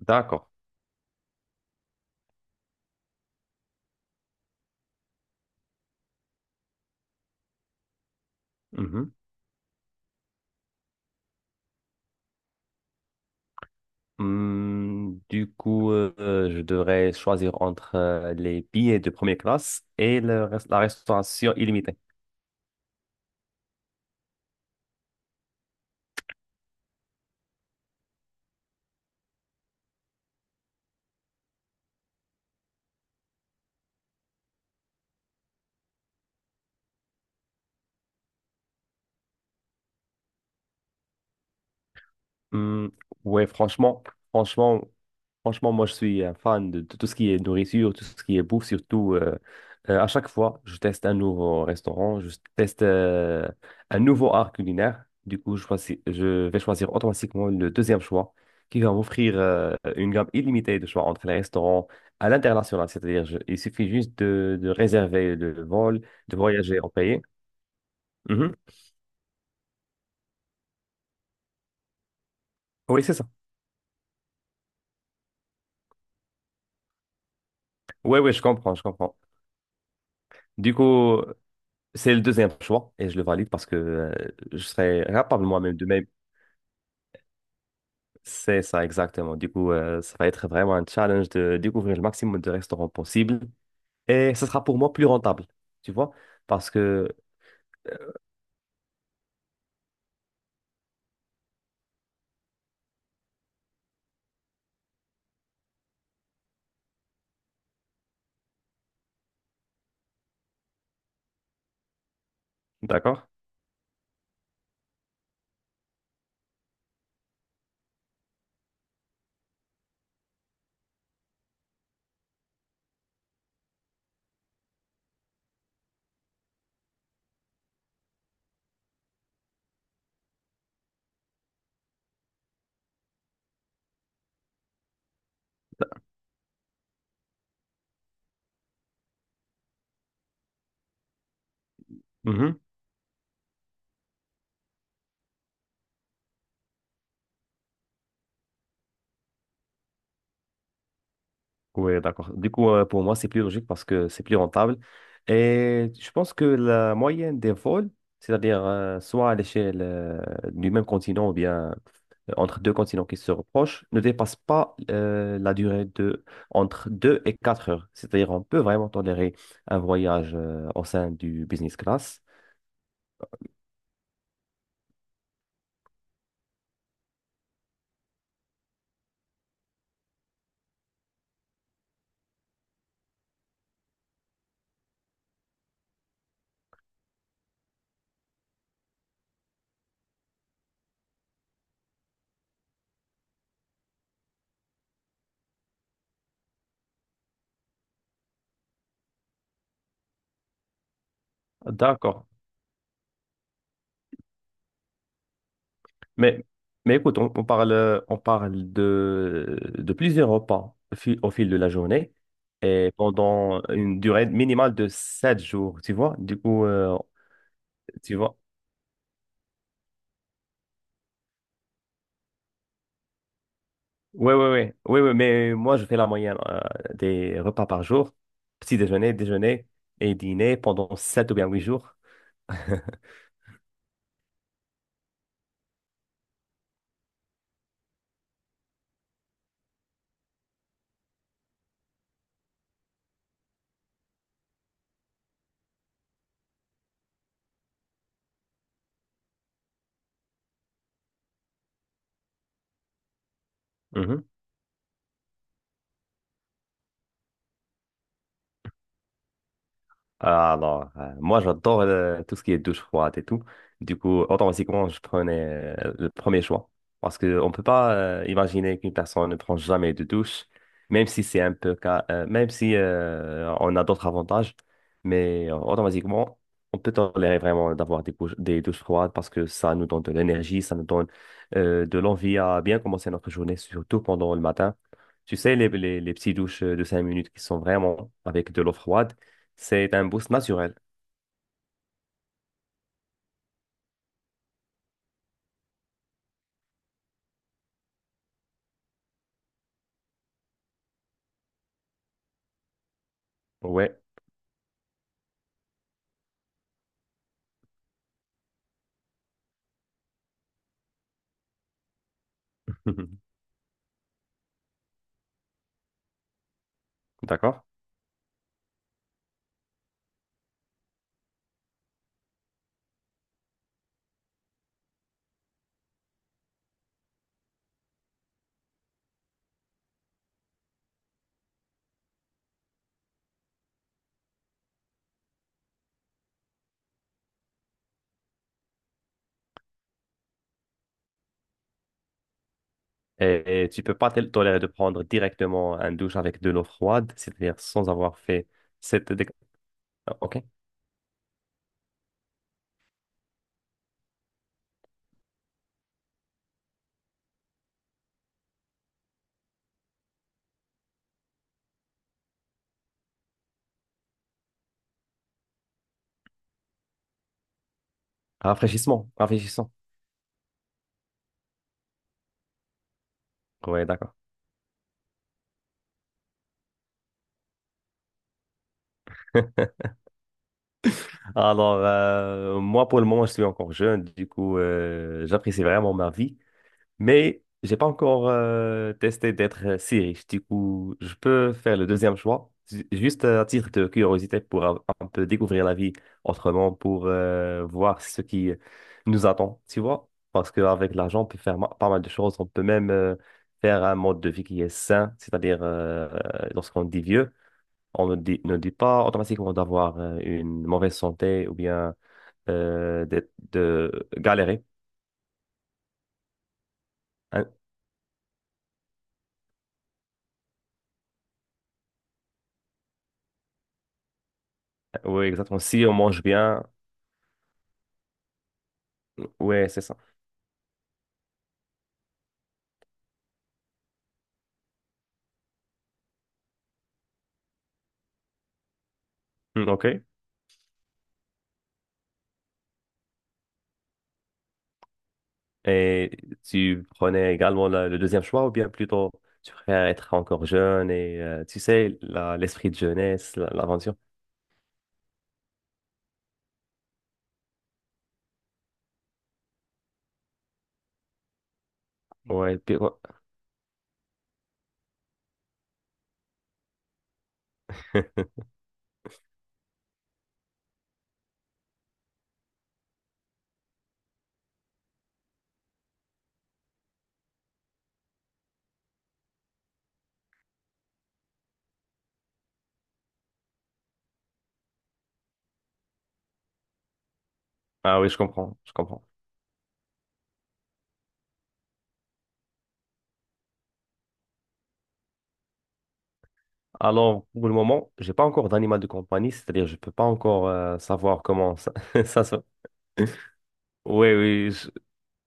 D'accord. Mhm. Du coup, je devrais choisir entre les billets de première classe et la restauration illimitée. Oui, ouais, franchement, franchement, Franchement, moi, je suis un fan de tout ce qui est nourriture, tout ce qui est bouffe, surtout à chaque fois, je teste un nouveau restaurant, je teste un nouveau art culinaire. Du coup, je vais choisir automatiquement le deuxième choix qui va m'offrir une gamme illimitée de choix entre les restaurants à l'international. C'est-à-dire, il suffit juste de réserver le vol, de voyager en pays. Mhm. Oui, c'est ça. Oui, oui, je comprends, je comprends. Du coup, c'est le deuxième choix et je le valide parce que je serais capable moi-même de, c'est ça, exactement. Du coup, ça va être vraiment un challenge de découvrir le maximum de restaurants possible. Et ce sera pour moi plus rentable, tu vois? Parce que, d'accord? Mhm. Oui, d'accord. Du coup, pour moi, c'est plus logique parce que c'est plus rentable. Et je pense que la moyenne des vols, c'est-à-dire soit à l'échelle du même continent ou bien entre deux continents qui se reprochent ne dépasse pas la durée de entre deux et quatre heures. C'est-à-dire on peut vraiment tolérer un voyage au sein du business class. D'accord. Mais, mais écoute, on parle, on parle de plusieurs repas au fil de la journée et pendant une durée minimale de 7 jours, tu vois. Du coup, tu vois. Oui, oui, oui. Oui, oui, mais moi, je fais la moyenne des repas par jour. Petit déjeuner, déjeuner et dîner pendant 7 ou bien 8 jours. Ah, alors, moi j'adore tout ce qui est douche froide et tout. Du coup, automatiquement, je prenais le premier choix. Parce qu'on ne peut pas imaginer qu'une personne ne prend jamais de douche, même si c'est un peu, même si on a d'autres avantages. Mais automatiquement, on peut tolérer vraiment d'avoir des douches froides parce que ça nous donne de l'énergie, ça nous donne de l'envie à bien commencer notre journée, surtout pendant le matin. Tu sais, les petites douches de 5 minutes qui sont vraiment avec de l'eau froide. C'est un boost naturel. Ouais. D'accord. Et, tu peux pas tolérer de prendre directement un douche avec de l'eau froide, c'est-à-dire sans avoir fait cette... dé- Ah, OK. Rafraîchissement. Rafraîchissant. Ouais, d'accord. Alors, moi, pour le moment, je suis encore jeune. Du coup, j'apprécie vraiment ma vie. Mais j'ai pas encore testé d'être si riche. Du coup, je peux faire le deuxième choix, juste à titre de curiosité pour un peu découvrir la vie autrement, pour voir ce qui nous attend, tu vois. Parce qu'avec l'argent, on peut faire pas mal de choses. On peut même faire un mode de vie qui est sain, c'est-à-dire lorsqu'on dit vieux, on ne dit pas automatiquement d'avoir une mauvaise santé ou bien de galérer. Hein, oui, exactement. Si on mange bien, ouais, c'est ça. Hmm, OK. Et tu prenais également le deuxième choix ou bien plutôt tu préfères être encore jeune et tu sais, l'esprit de jeunesse, l'aventure. Ouais. Ah oui, je comprends, je comprends. Alors, pour le moment, j'ai pas encore d'animal de compagnie, c'est-à-dire je peux pas encore savoir comment ça, ça se... Oui, oui,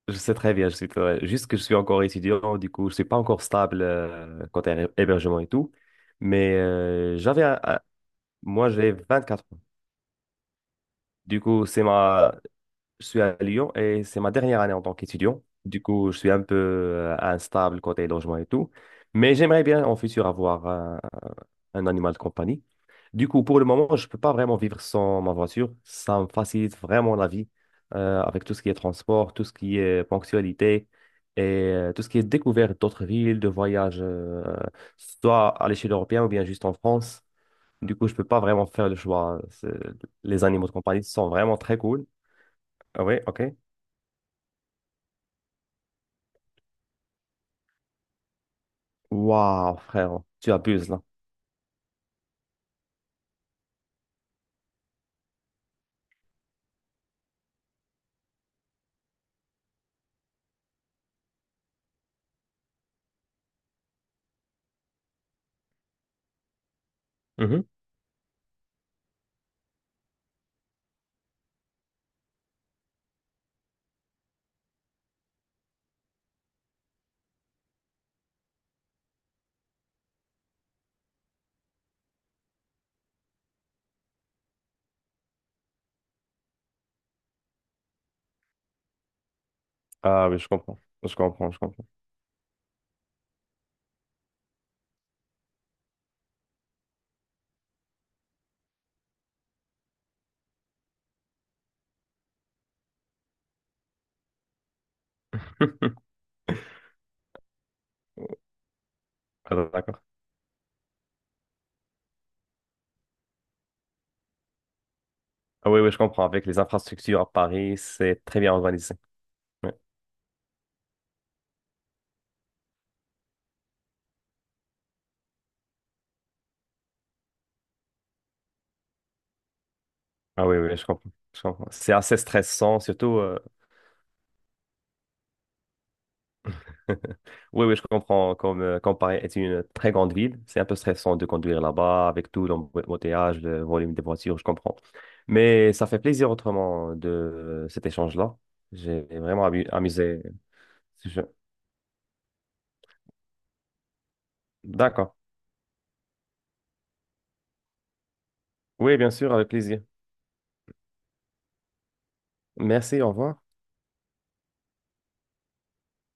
je sais très bien, je suis bien. Juste que je suis encore étudiant, du coup, je suis pas encore stable côté hébergement et tout, mais moi j'ai 24. Du coup, c'est ma... je suis à Lyon et c'est ma dernière année en tant qu'étudiant. Du coup, je suis un peu instable côté logement et tout. Mais j'aimerais bien en futur avoir un animal de compagnie. Du coup, pour le moment, je ne peux pas vraiment vivre sans ma voiture. Ça me facilite vraiment la vie avec tout ce qui est transport, tout ce qui est ponctualité et tout ce qui est découverte d'autres villes, de voyages, soit à l'échelle européenne ou bien juste en France. Du coup, je peux pas vraiment faire le choix. C'est- Les animaux de compagnie sont vraiment très cool. Ah oui, ok. Waouh, frère, tu abuses là. Mhm. Ah oui, je comprends. Je comprends, je comprends. Ah, d'accord. Ah oui, oui, je comprends. Avec les infrastructures à Paris, c'est très bien organisé. Ouais. Ah oui, oui, je comprends. Je comprends. C'est assez stressant, surtout oui, oui, je comprends. Comme, comme Paris est une très grande ville, c'est un peu stressant de conduire là-bas avec tout l'embouteillage, le volume des voitures, je comprends. Mais ça fait plaisir autrement de cet échange-là. J'ai vraiment amusé. Je- D'accord. Oui, bien sûr, avec plaisir. Merci, au revoir.